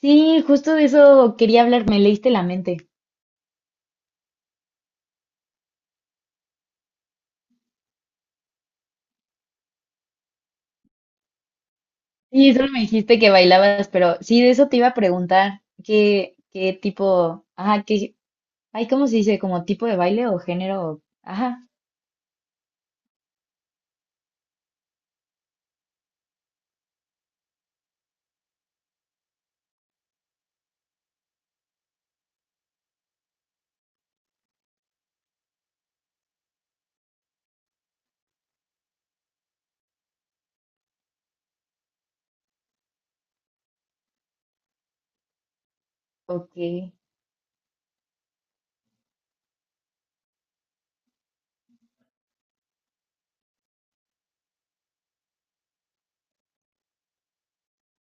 Sí, justo de eso quería hablar, me leíste la mente. Sí, solo me dijiste que bailabas, pero sí, de eso te iba a preguntar, ¿qué, qué tipo, ajá, qué, ay, ¿cómo se dice? ¿Como tipo de baile o género? Ajá, ok.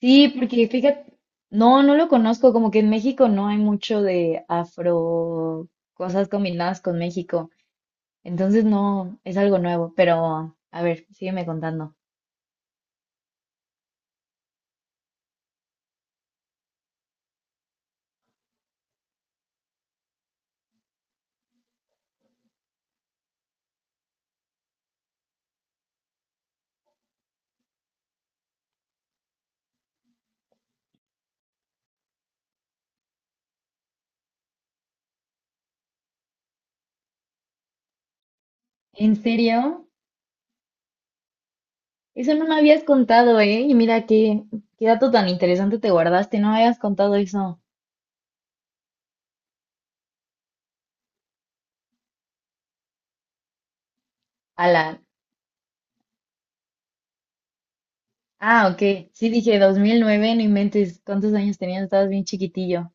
Sí, porque fíjate, no, no lo conozco, como que en México no hay mucho de afro, cosas combinadas con México, entonces no, es algo nuevo, pero a ver, sígueme contando. ¿En serio? Eso no me habías contado, ¿eh? Y mira qué, qué dato tan interesante te guardaste, no me habías contado eso. Ala. Ah, ok. Sí, dije 2009, no inventes. ¿Cuántos años tenías? Estabas bien chiquitillo.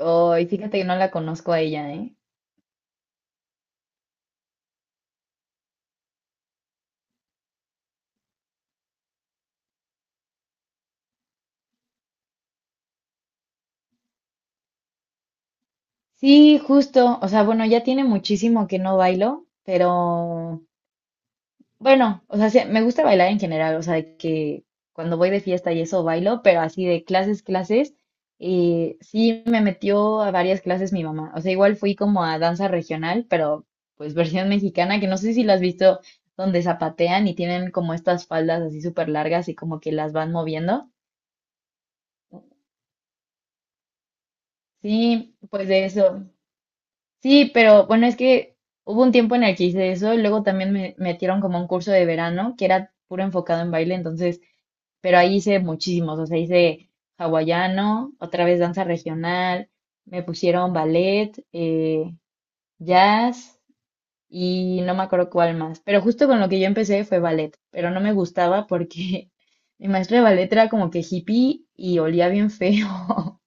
Oh, y fíjate que no la conozco a ella, ¿eh? Sí, justo. O sea, bueno, ya tiene muchísimo que no bailo, pero bueno, o sea, sí, me gusta bailar en general, o sea, de que cuando voy de fiesta y eso bailo, pero así de clases, clases, sí me metió a varias clases mi mamá. O sea, igual fui como a danza regional, pero pues versión mexicana, que no sé si la has visto, donde zapatean y tienen como estas faldas así súper largas y como que las van moviendo. Sí, pues de eso. Sí, pero bueno, es que hubo un tiempo en el que hice eso, y luego también me metieron como un curso de verano que era puro enfocado en baile, entonces pero ahí hice muchísimos, o sea, hice hawaiano, otra vez danza regional, me pusieron ballet, jazz y no me acuerdo cuál más, pero justo con lo que yo empecé fue ballet, pero no me gustaba porque mi maestra de ballet era como que hippie y olía bien feo.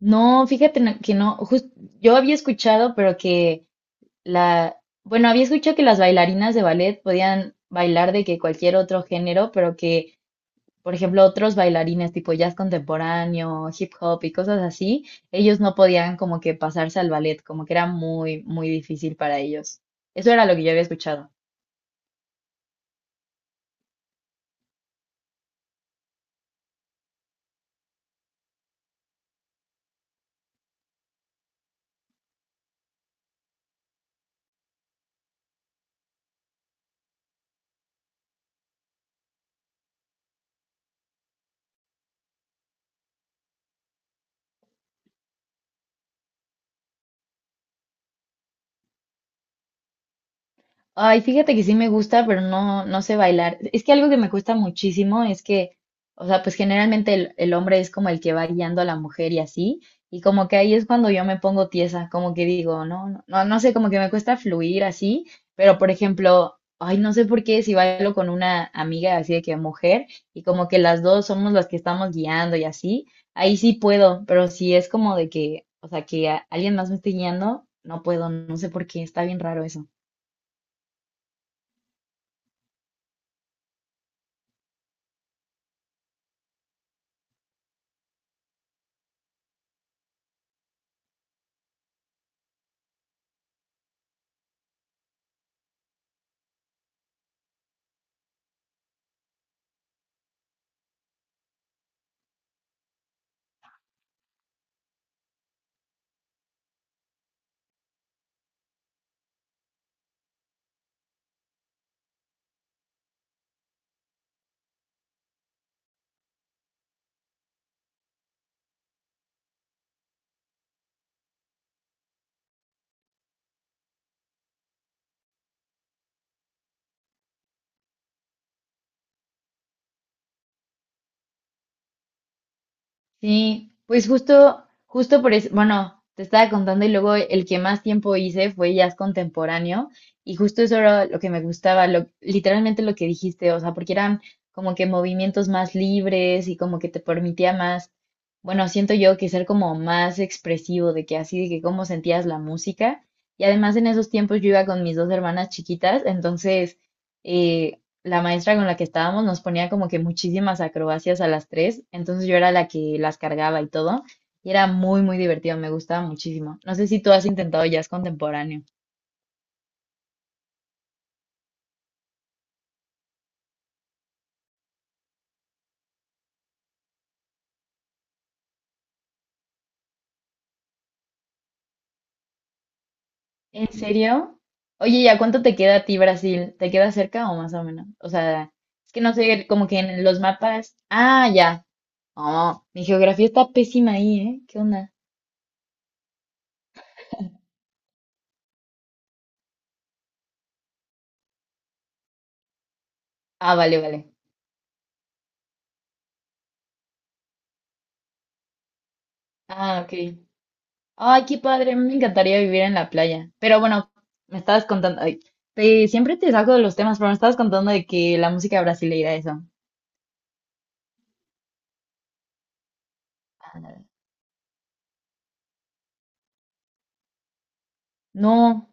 No, fíjate que no, yo había escuchado, pero que la, bueno, había escuchado que las bailarinas de ballet podían bailar de que cualquier otro género, pero que por ejemplo, otros bailarines tipo jazz contemporáneo, hip hop y cosas así, ellos no podían como que pasarse al ballet, como que era muy, muy difícil para ellos. Eso era lo que yo había escuchado. Ay, fíjate que sí me gusta, pero no, no sé bailar. Es que algo que me cuesta muchísimo es que, o sea, pues generalmente el hombre es como el que va guiando a la mujer y así, y como que ahí es cuando yo me pongo tiesa, como que digo, no, no, no, no sé, como que me cuesta fluir así, pero por ejemplo, ay, no sé por qué si bailo con una amiga así de que mujer, y como que las dos somos las que estamos guiando y así, ahí sí puedo, pero si es como de que, o sea, que alguien más me esté guiando, no puedo, no sé por qué, está bien raro eso. Sí, pues justo, justo por eso, bueno, te estaba contando y luego el que más tiempo hice fue jazz contemporáneo y justo eso era lo que me gustaba, lo, literalmente lo que dijiste, o sea, porque eran como que movimientos más libres y como que te permitía más, bueno, siento yo que ser como más expresivo de que así, de que cómo sentías la música y además en esos tiempos yo iba con mis dos hermanas chiquitas, entonces eh, la maestra con la que estábamos nos ponía como que muchísimas acrobacias a las tres, entonces yo era la que las cargaba y todo, y era muy, muy divertido, me gustaba muchísimo. No sé si tú has intentado jazz contemporáneo. ¿En serio? Oye, ¿y a cuánto te queda a ti Brasil? ¿Te queda cerca o más o menos? O sea, es que no sé, como que en los mapas. Ah, ya. Oh, mi geografía está pésima ahí, ¿eh? ¿Qué onda? Ah, vale, vale. Ah, ok. Ay, qué padre, me encantaría vivir en la playa. Pero bueno, me estabas contando, ay, siempre te saco de los temas, pero me estabas contando de que la música brasileira, eso. Ah. No.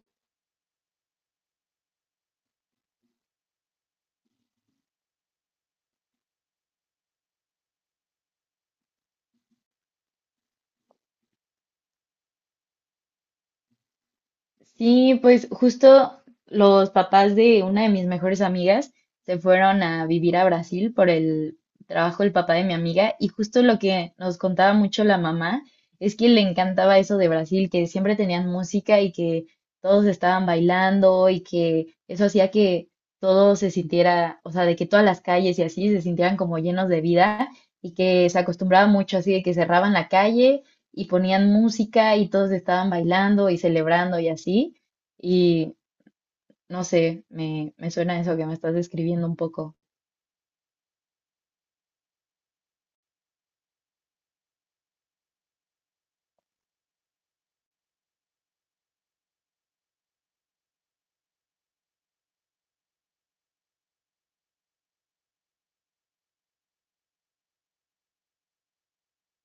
Sí, pues justo los papás de una de mis mejores amigas se fueron a vivir a Brasil por el trabajo del papá de mi amiga y justo lo que nos contaba mucho la mamá es que le encantaba eso de Brasil, que siempre tenían música y que todos estaban bailando y que eso hacía que todo se sintiera, o sea, de que todas las calles y así se sintieran como llenos de vida y que se acostumbraba mucho así de que cerraban la calle y ponían música y todos estaban bailando y celebrando y así. Y no sé, me suena eso que me estás describiendo un poco.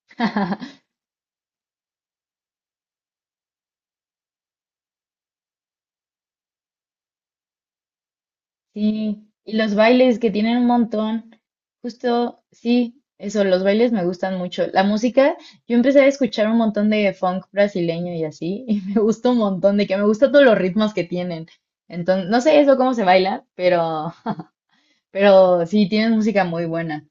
Sí, y los bailes que tienen un montón. Justo, sí, eso, los bailes me gustan mucho. La música, yo empecé a escuchar un montón de funk brasileño y así, y me gusta un montón, de que me gustan todos los ritmos que tienen. Entonces, no sé eso cómo se baila, pero, pero sí, tienen música muy buena.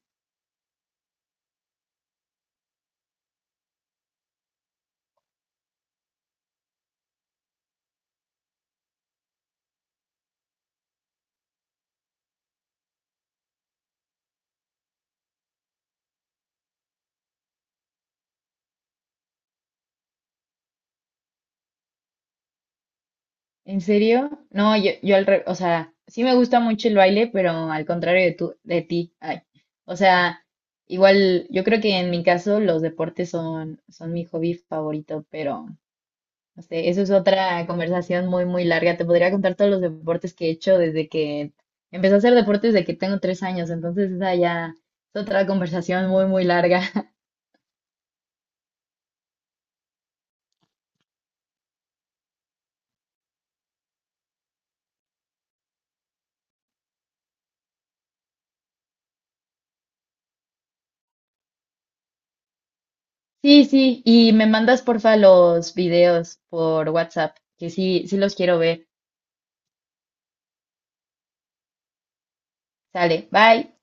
¿En serio? No, yo al revés, o sea, sí me gusta mucho el baile, pero al contrario de tú, de ti. Ay. O sea, igual, yo creo que en mi caso los deportes son mi hobby favorito, pero no sé, eso es otra conversación muy, muy larga. Te podría contar todos los deportes que he hecho desde que empecé a hacer deportes desde que tengo 3 años, entonces esa ya es otra conversación muy, muy larga. Sí, sí, y me mandas porfa los videos por WhatsApp, que sí, sí los quiero ver. Sale, bye.